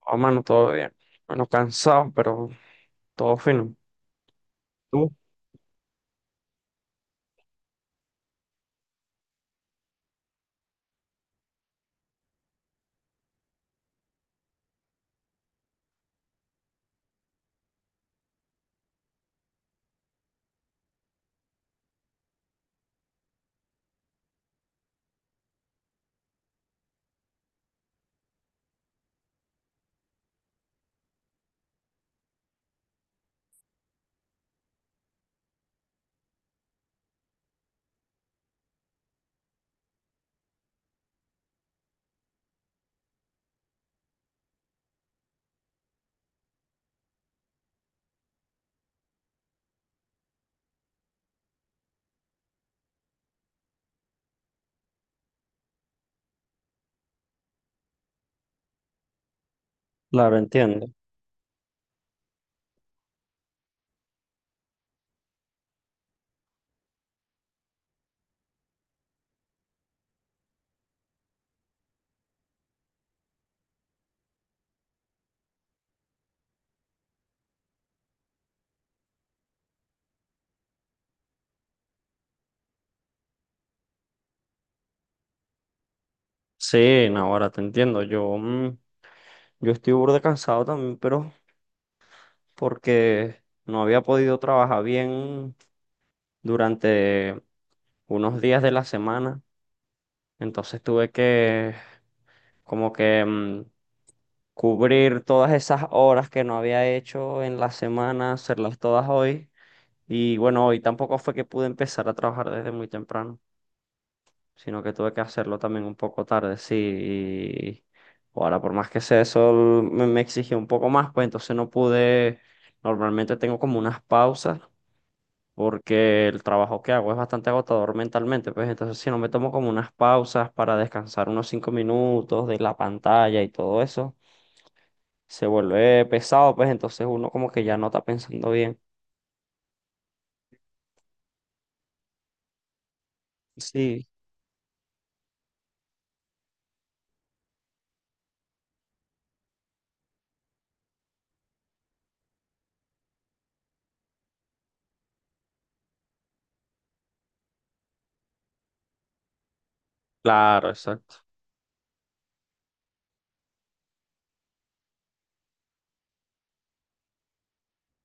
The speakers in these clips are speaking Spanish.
Oh, mano, todo bien. Bueno, cansado, pero todo fino. ¿Tú? Claro, entiendo. Sí, no, ahora te entiendo. Yo, yo estoy burda cansado también, pero porque no había podido trabajar bien durante unos días de la semana. Entonces tuve que como que, cubrir todas esas horas que no había hecho en la semana, hacerlas todas hoy. Y bueno, hoy tampoco fue que pude empezar a trabajar desde muy temprano, sino que tuve que hacerlo también un poco tarde, sí. Y ahora, por más que sea eso, me exigió un poco más, pues entonces no pude. Normalmente tengo como unas pausas, porque el trabajo que hago es bastante agotador mentalmente, pues entonces si no me tomo como unas pausas para descansar unos 5 minutos de la pantalla y todo eso, se vuelve pesado, pues entonces uno como que ya no está pensando bien. Sí, claro, exacto.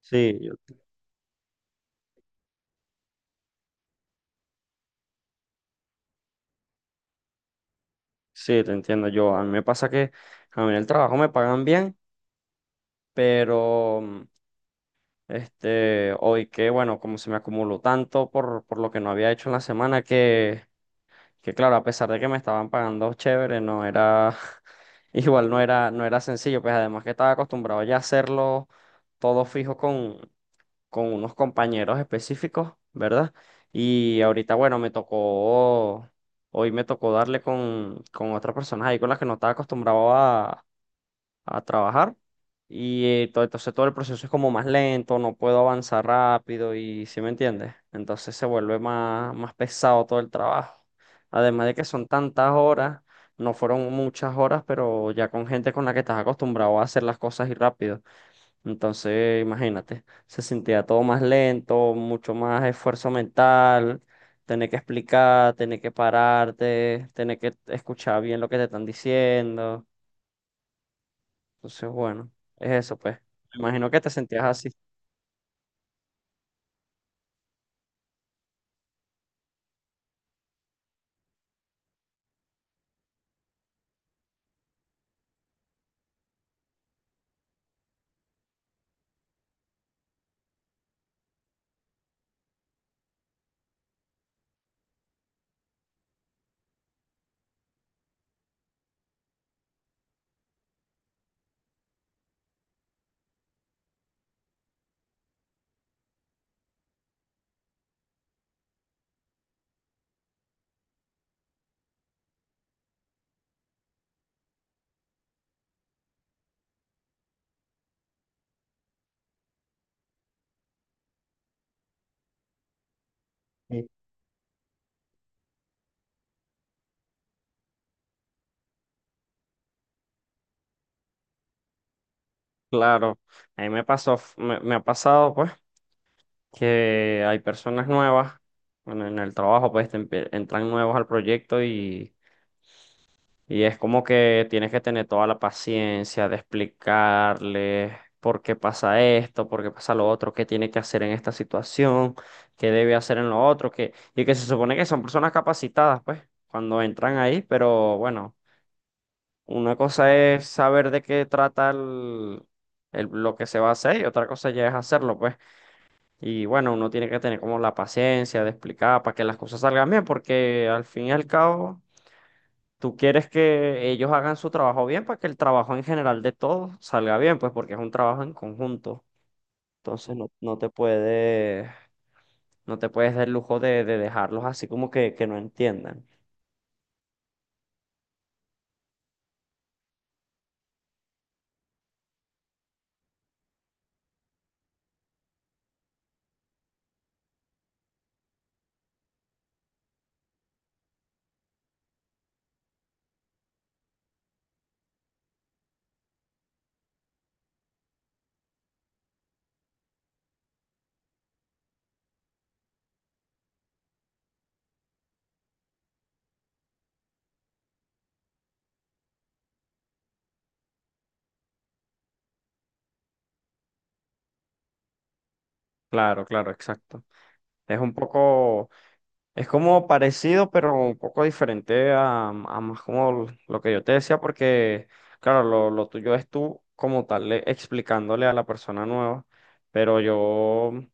Sí, sí, te entiendo yo. A mí me pasa que a mí en el trabajo me pagan bien, pero este, hoy que, bueno, como se me acumuló tanto por lo que no había hecho en la semana, que claro, a pesar de que me estaban pagando chévere, no era, igual no era sencillo, pues además que estaba acostumbrado ya a hacerlo todo fijo con unos compañeros específicos, ¿verdad? Y ahorita, bueno, hoy me tocó darle con otras personas ahí con las que no estaba acostumbrado a trabajar. Y entonces todo el proceso es como más lento, no puedo avanzar rápido ¿y si me entiendes? Entonces se vuelve más pesado todo el trabajo. Además de que son tantas horas, no fueron muchas horas, pero ya con gente con la que estás acostumbrado a hacer las cosas y rápido. Entonces, imagínate, se sentía todo más lento, mucho más esfuerzo mental, tener que explicar, tener que pararte, tener que escuchar bien lo que te están diciendo. Entonces, bueno, es eso, pues. Imagino que te sentías así. Sí. Claro, a mí me pasó, me ha pasado, pues, que hay personas nuevas, bueno, en el trabajo, pues, entran nuevos al proyecto y es como que tienes que tener toda la paciencia de explicarles por qué pasa esto, por qué pasa lo otro, qué tiene que hacer en esta situación, qué debe hacer en lo otro, y que se supone que son personas capacitadas, pues, cuando entran ahí, pero bueno. Una cosa es saber de qué trata lo que se va a hacer y otra cosa ya es hacerlo, pues. Y bueno, uno tiene que tener como la paciencia de explicar para que las cosas salgan bien, porque al fin y al cabo tú quieres que ellos hagan su trabajo bien para que el trabajo en general de todos salga bien, pues porque es un trabajo en conjunto. Entonces no, no te puedes dar el lujo de dejarlos así como que no entiendan. Claro, claro, exacto. Es un poco... Es como parecido, pero un poco diferente a más como lo que yo te decía, porque, claro, lo tuyo es tú como tal, explicándole a la persona nueva, pero yo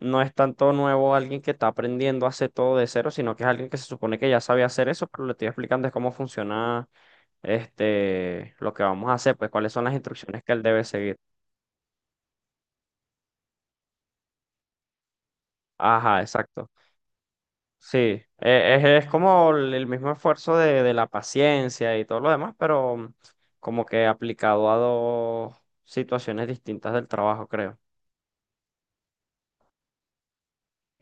no es tanto nuevo alguien que está aprendiendo a hacer todo de cero, sino que es alguien que se supone que ya sabe hacer eso, pero le estoy explicando es cómo funciona este, lo que vamos a hacer, pues cuáles son las instrucciones que él debe seguir. Ajá, exacto. Sí, es como el mismo esfuerzo de la paciencia y todo lo demás, pero como que aplicado a dos situaciones distintas del trabajo, creo.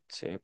Sí,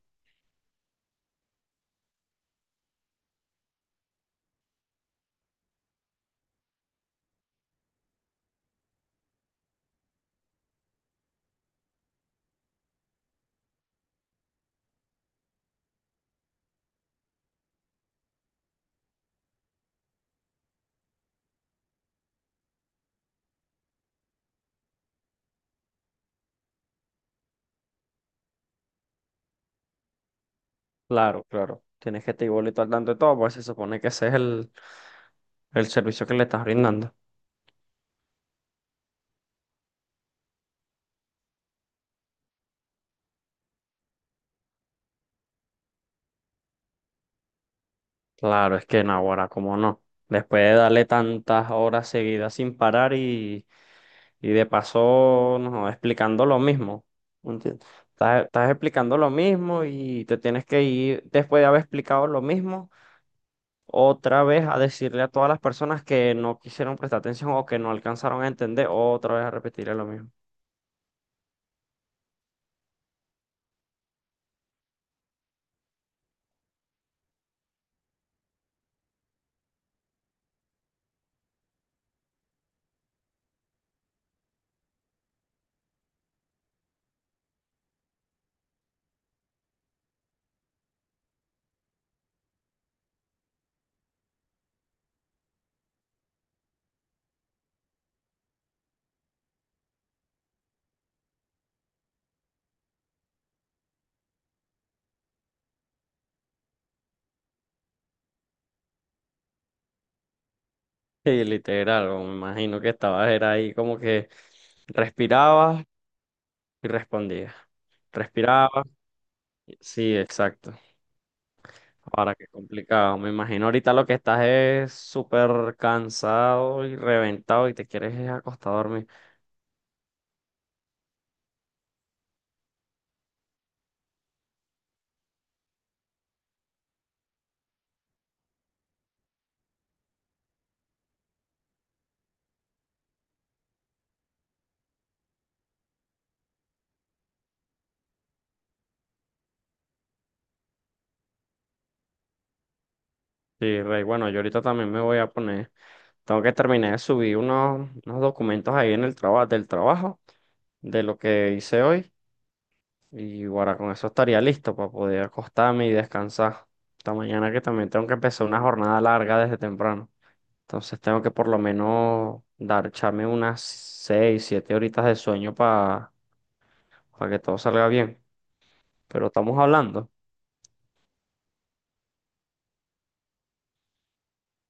claro, claro. Tienes que estar igualito al tanto de todo, pues se supone que ese es el servicio que le estás brindando. Claro, es que en ahora, cómo no. Después de darle tantas horas seguidas sin parar. Y de paso, no, explicando lo mismo. ¿Entiendes? Estás explicando lo mismo y te tienes que ir, después de haber explicado lo mismo, otra vez a decirle a todas las personas que no quisieron prestar atención o que no alcanzaron a entender, otra vez a repetirle lo mismo. Y literal, o me imagino que estabas era ahí como que respirabas y respondías. Respirabas. Sí, exacto. Ahora qué complicado. Me imagino ahorita lo que estás es súper cansado y reventado y te quieres es acostar a dormir. Sí, Rey, bueno, yo ahorita también me voy a poner. Tengo que terminar de subir unos documentos ahí en el trabajo, del trabajo, de lo que hice hoy. Y ahora con eso estaría listo para poder acostarme y descansar. Esta mañana que también tengo que empezar una jornada larga desde temprano. Entonces tengo que por lo menos dar, echarme unas 6, 7 horitas de sueño para que todo salga bien. Pero estamos hablando.